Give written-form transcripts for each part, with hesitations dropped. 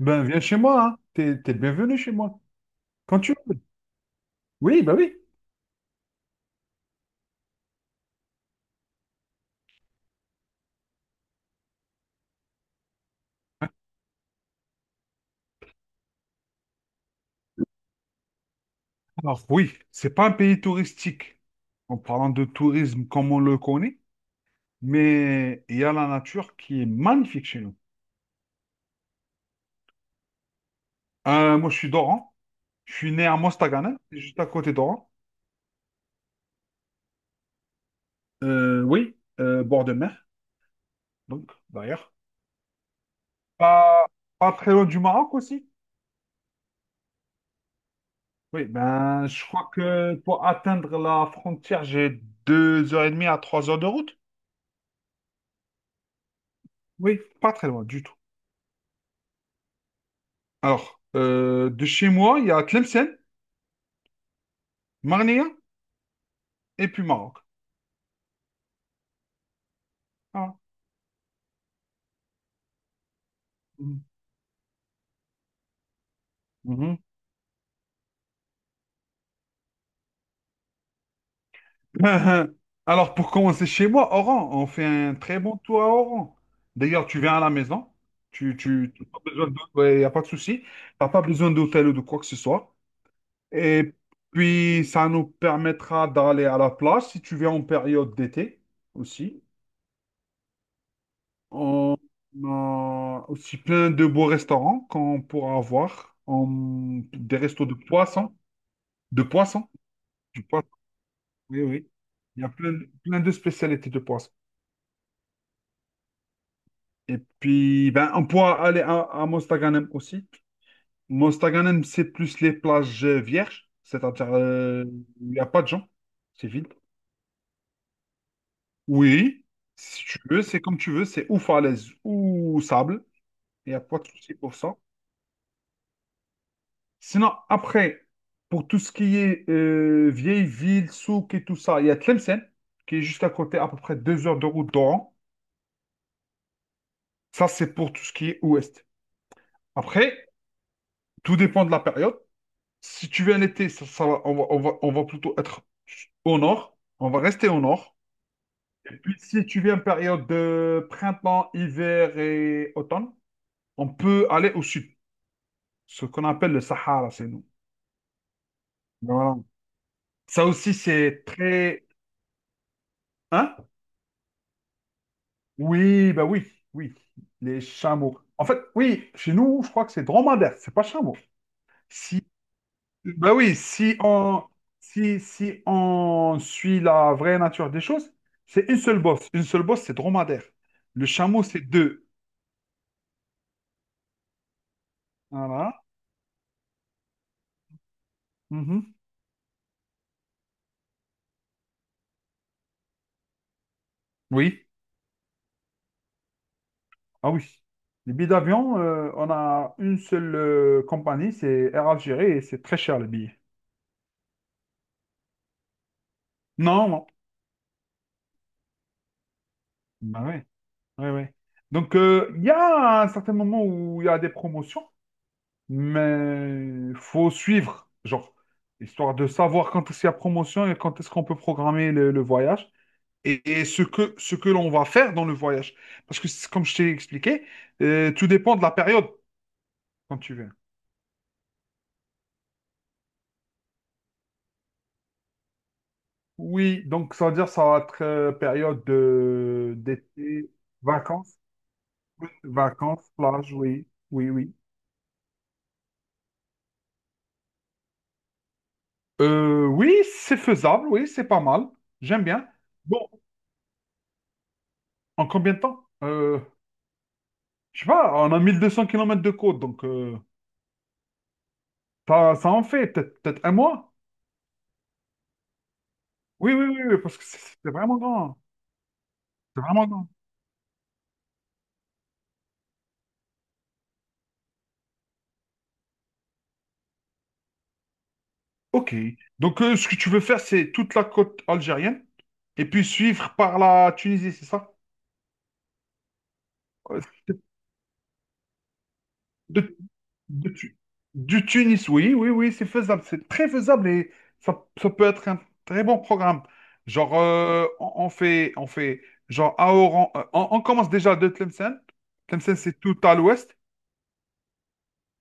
Ben, viens chez moi, hein. T'es le bienvenu chez moi. Quand tu veux. Oui, ben oui. Alors, oui, c'est pas un pays touristique, en parlant de tourisme comme on le connaît, mais il y a la nature qui est magnifique chez nous. Moi, je suis d'Oran. Je suis né à Mostaganem, c'est juste à côté d'Oran. Oui, bord de mer, donc, derrière. Pas, pas très loin du Maroc aussi. Oui, ben, je crois que pour atteindre la frontière, j'ai 2 heures et demie à 3 heures de route. Oui, pas très loin du tout. Alors, de chez moi, il y a Tlemcen, Marnia et puis Maroc. Voilà. Mhm. Mhm. Alors, pour commencer chez moi, Oran, on fait un très bon tour à Oran. D'ailleurs, tu viens à la maison, t'as pas besoin de, il n'y a pas de souci, t'as pas besoin d'hôtel ou de quoi que ce soit. Et puis, ça nous permettra d'aller à la plage si tu viens en période d'été aussi. On a aussi plein de beaux restaurants qu'on pourra avoir. Des restos de poissons. De poissons. Du poisson. Oui, oui. Il y a plein de spécialités de poissons. Et puis, ben, on pourra aller à Mostaganem aussi. Mostaganem, c'est plus les plages vierges. C'est-à-dire, il n'y a pas de gens. C'est vide. Oui, si tu veux, c'est comme tu veux. C'est ou falaise ou sable. Il n'y a pas de souci pour ça. Sinon, après, pour tout ce qui est vieille ville, souk et tout ça, il y a Tlemcen, qui est juste à côté, à peu près 2 heures de route d'Oran. Ça, c'est pour tout ce qui est ouest. Après, tout dépend de la période. Si tu viens un été, on va plutôt être au nord. On va rester au nord. Et puis, si tu viens une période de printemps, hiver et automne, on peut aller au sud, ce qu'on appelle le Sahara, c'est nous. Voilà. Ça aussi, c'est très. Hein? Oui, ben oui, oui, les chameaux. En fait, oui, chez nous, je crois que c'est dromadaire, c'est pas chameau. Si, ben oui, si on suit la vraie nature des choses, c'est une seule bosse. Une seule bosse, c'est dromadaire. Le chameau, c'est deux. Voilà. Mhm. Oui, ah oui. Les billets d'avion, on a une seule compagnie, c'est Air Algérie, et c'est très cher les billets. Non, non. Ben oui, oui, oui. Donc, il y a un certain moment où il y a des promotions. Mais faut suivre, genre, histoire de savoir quand est-ce qu'il y a promotion et quand est-ce qu'on peut programmer le voyage et ce que l'on va faire dans le voyage. Parce que, comme je t'ai expliqué, tout dépend de la période quand tu viens. Oui, donc ça veut dire ça va être période d'été, vacances, oui, vacances, plage, oui, oui, oui. Oui, c'est faisable, oui, c'est pas mal. J'aime bien. Bon, en combien de temps? Je sais pas, on a 1 200 kilomètres de côte, donc ça, ça en fait peut-être un mois. Oui, oui, oui, oui, parce que c'est vraiment grand. C'est vraiment grand. Ok. Donc ce que tu veux faire, c'est toute la côte algérienne et puis suivre par la Tunisie, c'est ça? Euh, De, de Tu- du Tunis, oui, oui, oui, c'est faisable. C'est très faisable et ça peut être un très bon programme. Genre, on fait, genre, à Oran, on commence déjà de Tlemcen. Tlemcen, c'est tout à l'ouest.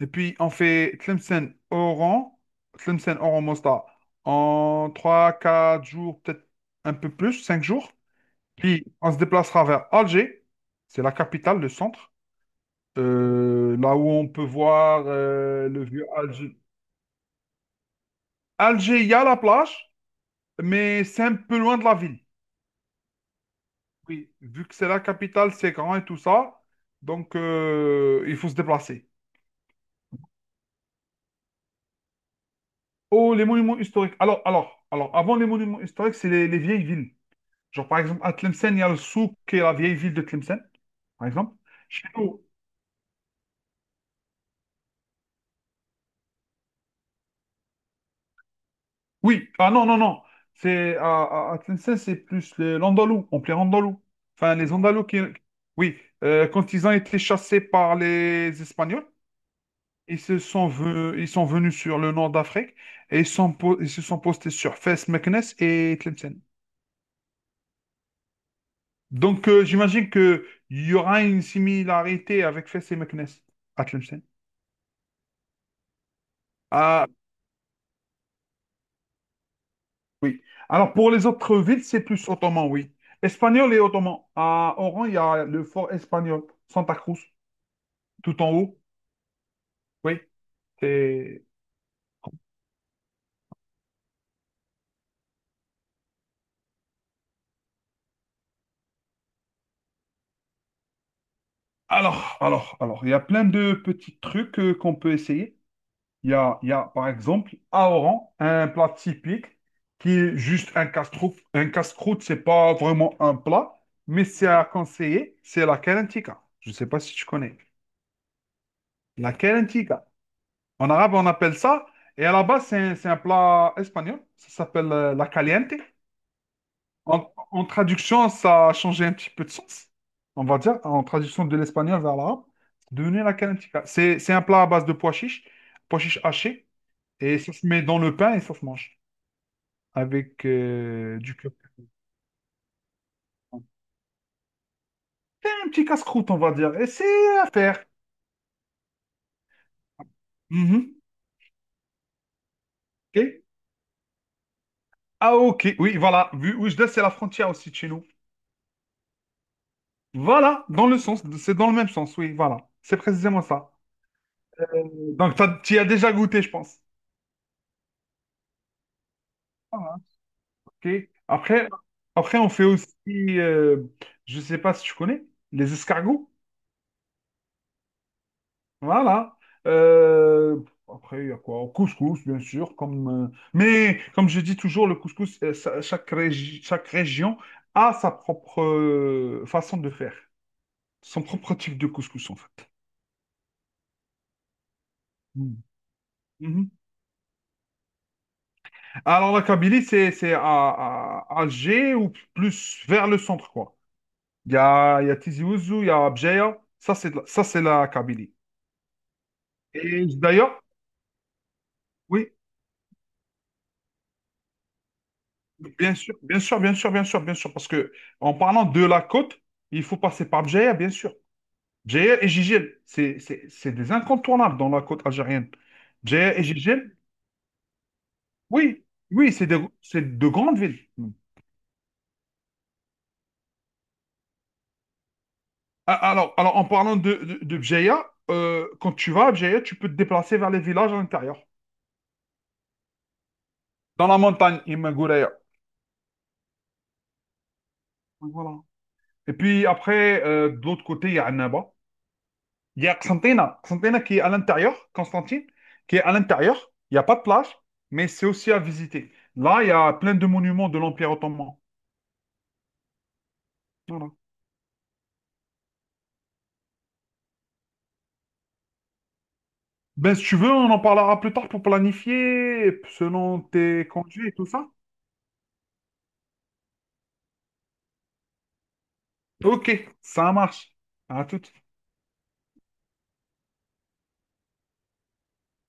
Et puis, on fait Tlemcen-Oran, Tlemcen-Oran-Mostar en trois quatre jours, peut-être un peu plus, 5 jours. Puis, on se déplacera vers Alger, c'est la capitale, le centre, là où on peut voir le vieux Alger. Alger, il y a la plage, mais c'est un peu loin de la ville. Oui, vu que c'est la capitale, c'est grand et tout ça, donc il faut se déplacer. Oh, les monuments historiques. Alors, avant les monuments historiques, c'est les vieilles villes. Genre, par exemple, à Tlemcen, il y a le souk qui est la vieille ville de Tlemcen, par exemple. Chez nous, oui, ah non, non, non. À Tlemcen, c'est plus l'Andalou, on plaît Andalou. Enfin, les Andalous qui. Oui, quand ils ont été chassés par les Espagnols, ils sont venus sur le nord d'Afrique et ils se sont postés sur Fès, Meknès et Tlemcen. Donc, j'imagine qu'il y aura une similarité avec Fès et Meknès à Tlemcen. Ah, oui. Alors, pour les autres villes, c'est plus ottoman, oui. Espagnol et ottoman. À Oran, il y a le fort espagnol, Santa Cruz, tout en haut. Oui. C'est- alors, il y a plein de petits trucs qu'on peut essayer. Il y a, par exemple, à Oran, un plat typique qui est juste un casse-croûte. Un casse-croûte, c'est pas vraiment un plat, mais c'est à conseiller. C'est la kalantika. Je ne sais pas si tu connais. La En arabe, on appelle ça. Et à la base, c'est un plat espagnol. Ça s'appelle la caliente. En traduction, ça a changé un petit peu de sens. On va dire, en traduction de l'espagnol vers l'arabe, c'est devenu la caliente. C'est un plat à base de pois chiches hachés. Et ça se met dans le pain et ça se mange avec du curcuma. C'est un petit casse-croûte, on va dire. Et c'est à faire. Mhm. Ok. Ah, ok. Oui, voilà. Vu Oujda, c'est la frontière aussi de chez nous. Voilà, dans le sens, c'est dans le même sens, oui, voilà. C'est précisément ça. Euh, Donc, tu y as déjà goûté, je pense. Ah, hein. Ok. Après, on fait aussi, euh, je sais pas si tu connais, les escargots. Voilà. Euh, Après, il y a quoi? Au Couscous, bien sûr. Mais comme je dis toujours, le couscous, chaque région a sa propre façon de faire, son propre type de couscous, en fait. Hmm. Mhm. Alors, la Kabylie, c'est Alger ou plus vers le centre, quoi. Il y a Tizi Ouzou, il y a Béjaïa. Ça, c'est la Kabylie. Et d'ailleurs, oui, bien sûr, bien sûr, bien sûr, bien sûr, bien sûr, parce que en parlant de la côte, il faut passer par Béjaïa, bien sûr. Béjaïa et Jijel, c'est des incontournables dans la côte algérienne. Béjaïa et Jijel, oui, oui, c'est de grandes villes. Ah, alors, en parlant de Bjeya, quand tu vas à Bjeya, tu peux te déplacer vers les villages à l'intérieur. Dans la montagne, Imagouraya. Donc, voilà. Et puis après, de l'autre côté, il y a Annaba. Il y a Xantina. Xantina qui est à l'intérieur, Constantine, qui est à l'intérieur. Il n'y a pas de plage, mais c'est aussi à visiter. Là, il y a plein de monuments de l'Empire ottoman. Voilà. Ben, si tu veux, on en parlera plus tard pour planifier selon tes congés et tout ça. Ok, ça marche. À tout.